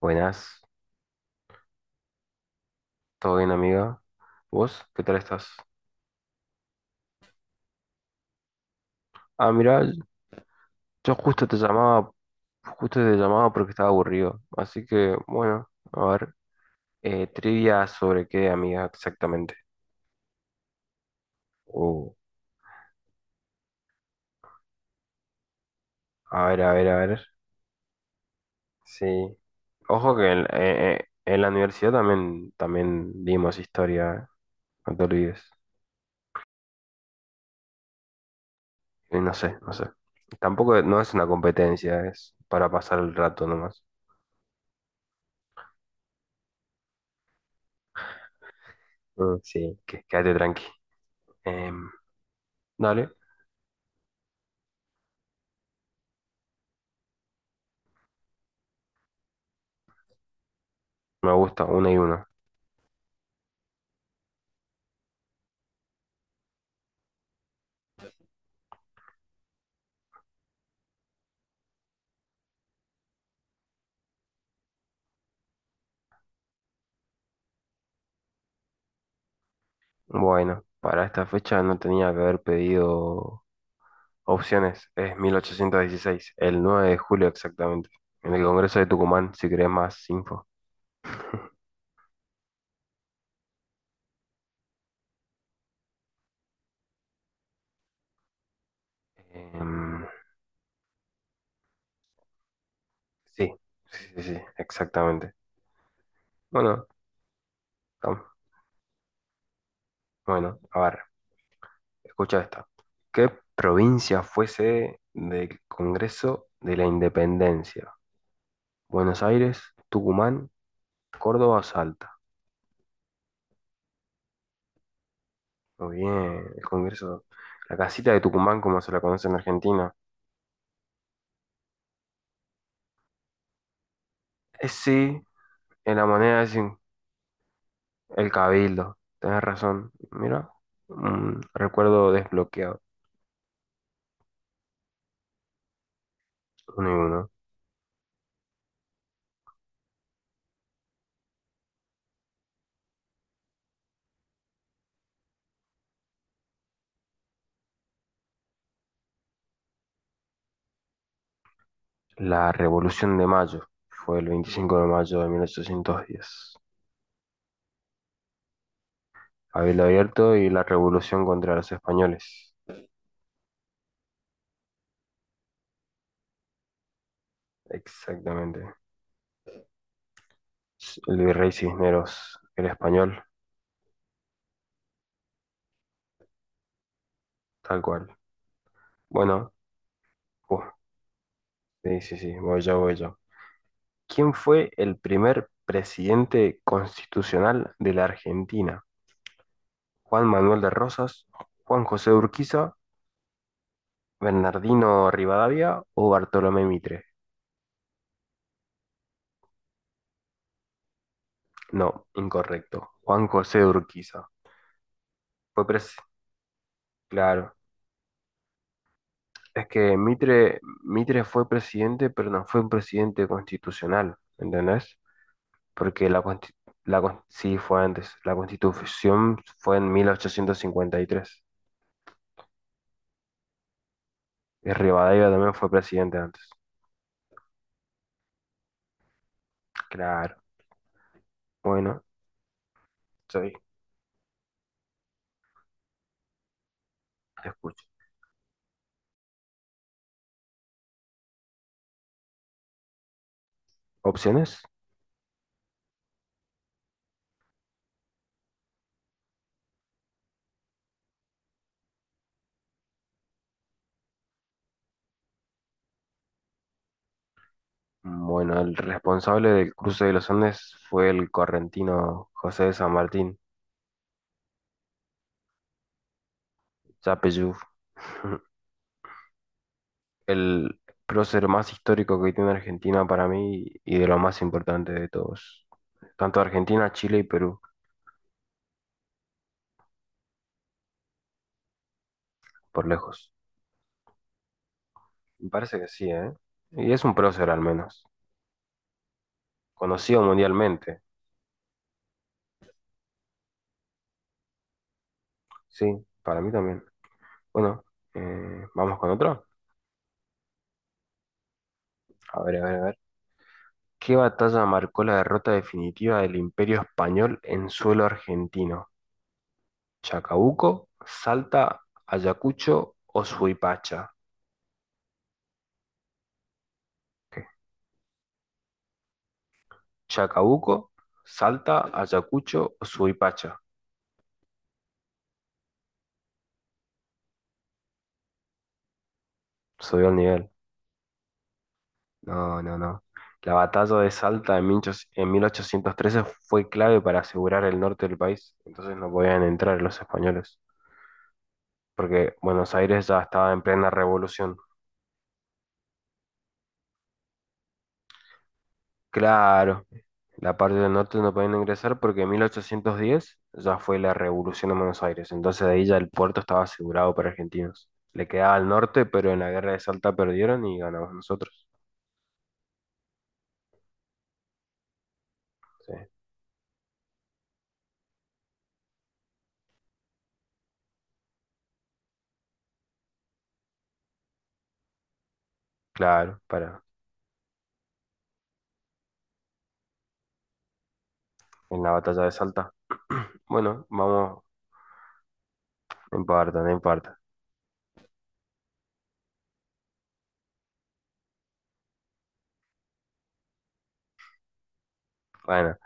Buenas, ¿todo bien, amiga? ¿Vos? ¿Qué tal estás? Ah, mira, yo justo te llamaba porque estaba aburrido. Así que, bueno, a ver, trivia sobre qué, amiga, exactamente. Uh, a ver, a ver, a ver. Sí. Ojo que en la universidad también dimos historia. No te olvides. Y no sé, no sé. Tampoco no es una competencia, es para pasar el rato nomás. Mm, sí, quédate tranqui. Em, dale. Me gusta una y una. Bueno, para esta fecha no tenía que haber pedido opciones. Es 1816, el 9 de julio exactamente, en el Congreso de Tucumán, si querés más info. Em, sí, sí, sí, sí, exactamente. Bueno, tam- bueno, a ver, escucha esta. ¿Qué provincia fuese del Congreso de la Independencia? Buenos Aires, Tucumán, Córdoba o Salta. Muy bien, el Congreso. La casita de Tucumán, como se la conoce en Argentina. Sí, en la moneda dicen el Cabildo. Tenés razón. Mira, un recuerdo desbloqueado. Uno y uno. La Revolución de Mayo fue el 25 de mayo de 1810. Cabildo abierto y la revolución contra los españoles. Exactamente. El virrey Cisneros, el español, tal cual. Bueno, uh, sí, sí, sí, voy yo, voy yo. ¿Quién fue el primer presidente constitucional de la Argentina? ¿Juan Manuel de Rosas, Juan José de Urquiza, Bernardino Rivadavia o Bartolomé Mitre? No, incorrecto. Juan José de Urquiza. Fue pres- claro. Es que Mitre, Mitre fue presidente, pero no fue un presidente constitucional, ¿entendés? Porque la, consti- la con- sí fue antes. La constitución fue en 1853. Y tres. Y Rivadavia también fue presidente antes. Claro. Bueno, estoy, te escucho. Opciones. Bueno, el responsable del cruce de los Andes fue el correntino José de San Martín, Yapeyú. El prócer más histórico que tiene Argentina para mí y de lo más importante de todos. Tanto Argentina, Chile y Perú, por lejos. Me parece que sí, ¿eh? Y es un prócer al menos. Conocido mundialmente. Sí, para mí también. Bueno, vamos con otro. A ver, a ver, a ver. ¿Qué batalla marcó la derrota definitiva del Imperio Español en suelo argentino? ¿Chacabuco, Salta, Ayacucho o Suipacha? ¿Qué? ¿Chacabuco, Salta, Ayacucho o Suipacha? Subió el nivel. No, no, no. La batalla de Salta en 1813 fue clave para asegurar el norte del país, entonces no podían entrar los españoles, porque Buenos Aires ya estaba en plena revolución. Claro, la parte del norte no podían ingresar porque en 1810 ya fue la revolución en Buenos Aires, entonces de ahí ya el puerto estaba asegurado para argentinos. Le quedaba al norte, pero en la guerra de Salta perdieron y ganamos nosotros. Sí, claro, para en la batalla de Salta. Bueno, vamos en parte, no importa. Bueno,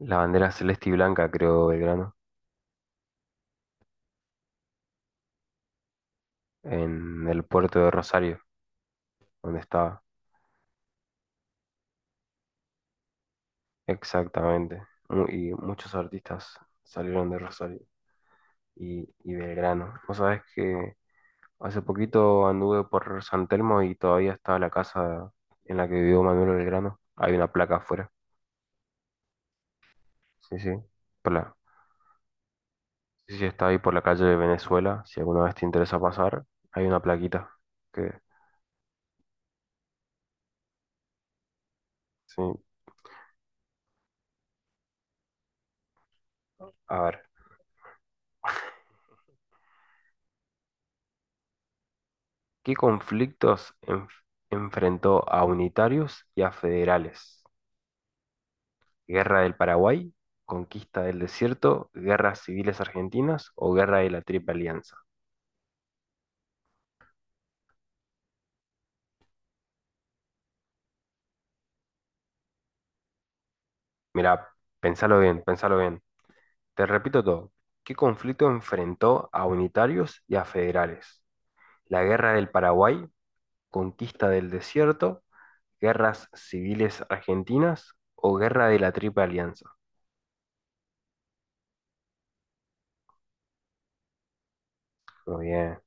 la bandera celeste y blanca, creo, Belgrano, en el puerto de Rosario, donde estaba. Exactamente. Y muchos artistas salieron de Rosario y Belgrano. Vos sabés que hace poquito anduve por San Telmo y todavía estaba la casa en la que vivió Manuel Belgrano. Hay una placa afuera. Sí, sí. Por la... Sí, sí, está ahí por la calle de Venezuela. Si alguna vez te interesa pasar, hay una plaquita. Que... Sí. A ver. ¿Qué enfrentó a unitarios y a federales? ¿Guerra del Paraguay? ¿Conquista del desierto? ¿Guerras civiles argentinas o guerra de la Triple Alianza? Mirá, pensalo bien, pensalo bien. Te repito todo. ¿Qué conflicto enfrentó a unitarios y a federales? La Guerra del Paraguay, conquista del desierto, guerras civiles argentinas o guerra de la Triple Alianza. Muy bien.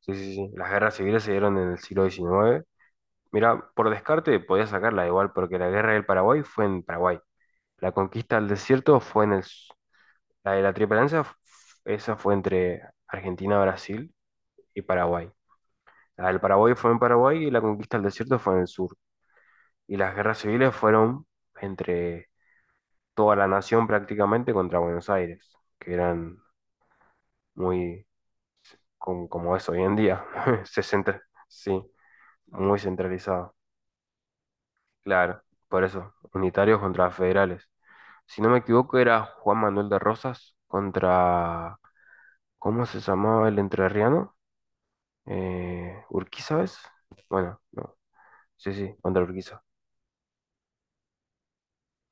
Sí, sí, sí. Las guerras civiles se dieron en el siglo XIX. Mira, por descarte podía sacarla igual, porque la Guerra del Paraguay fue en Paraguay. La conquista del desierto fue en el... La de la Triple Alianza, esa fue entre Argentina, Brasil y Paraguay. La del Paraguay fue en Paraguay y la conquista del desierto fue en el sur, y las guerras civiles fueron entre toda la nación prácticamente contra Buenos Aires, que eran muy como es hoy en día, se centra- sí, muy centralizado, claro, por eso, unitarios contra federales. Si no me equivoco era Juan Manuel de Rosas contra, ¿cómo se llamaba el entrerriano? Urquiza, ¿ves? Bueno, no, sí, sí, contra Urquiza.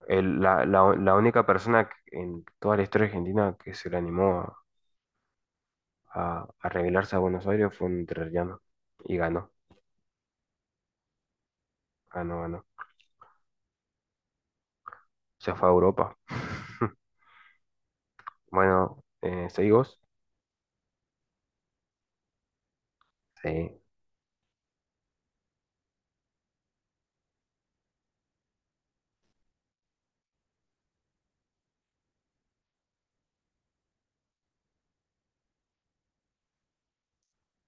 La única persona en toda la historia argentina que se le animó a revelarse a Buenos Aires, fue un entrerriano y ganó, ganó, ganó. Se fue a Europa. Bueno, ¿seguimos? Sí.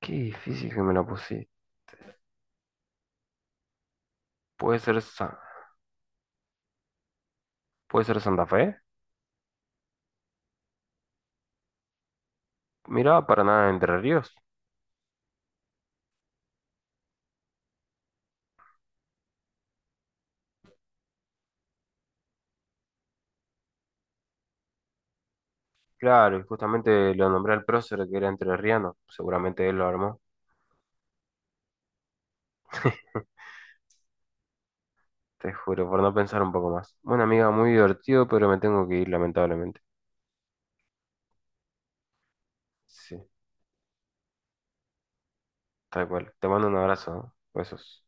Qué difícil que me la puse. ¿Puede ser, Sa- ¿Puede ser Santa Fe? Mirá, para nada Entre Ríos. Claro, y justamente lo nombré al prócer que era entrerriano. Seguramente él lo armó. Te juro, por no pensar un poco más. Bueno, amiga, muy divertido, pero me tengo que ir, lamentablemente. Sí, tal cual. Te mando un abrazo, ¿no? Besos.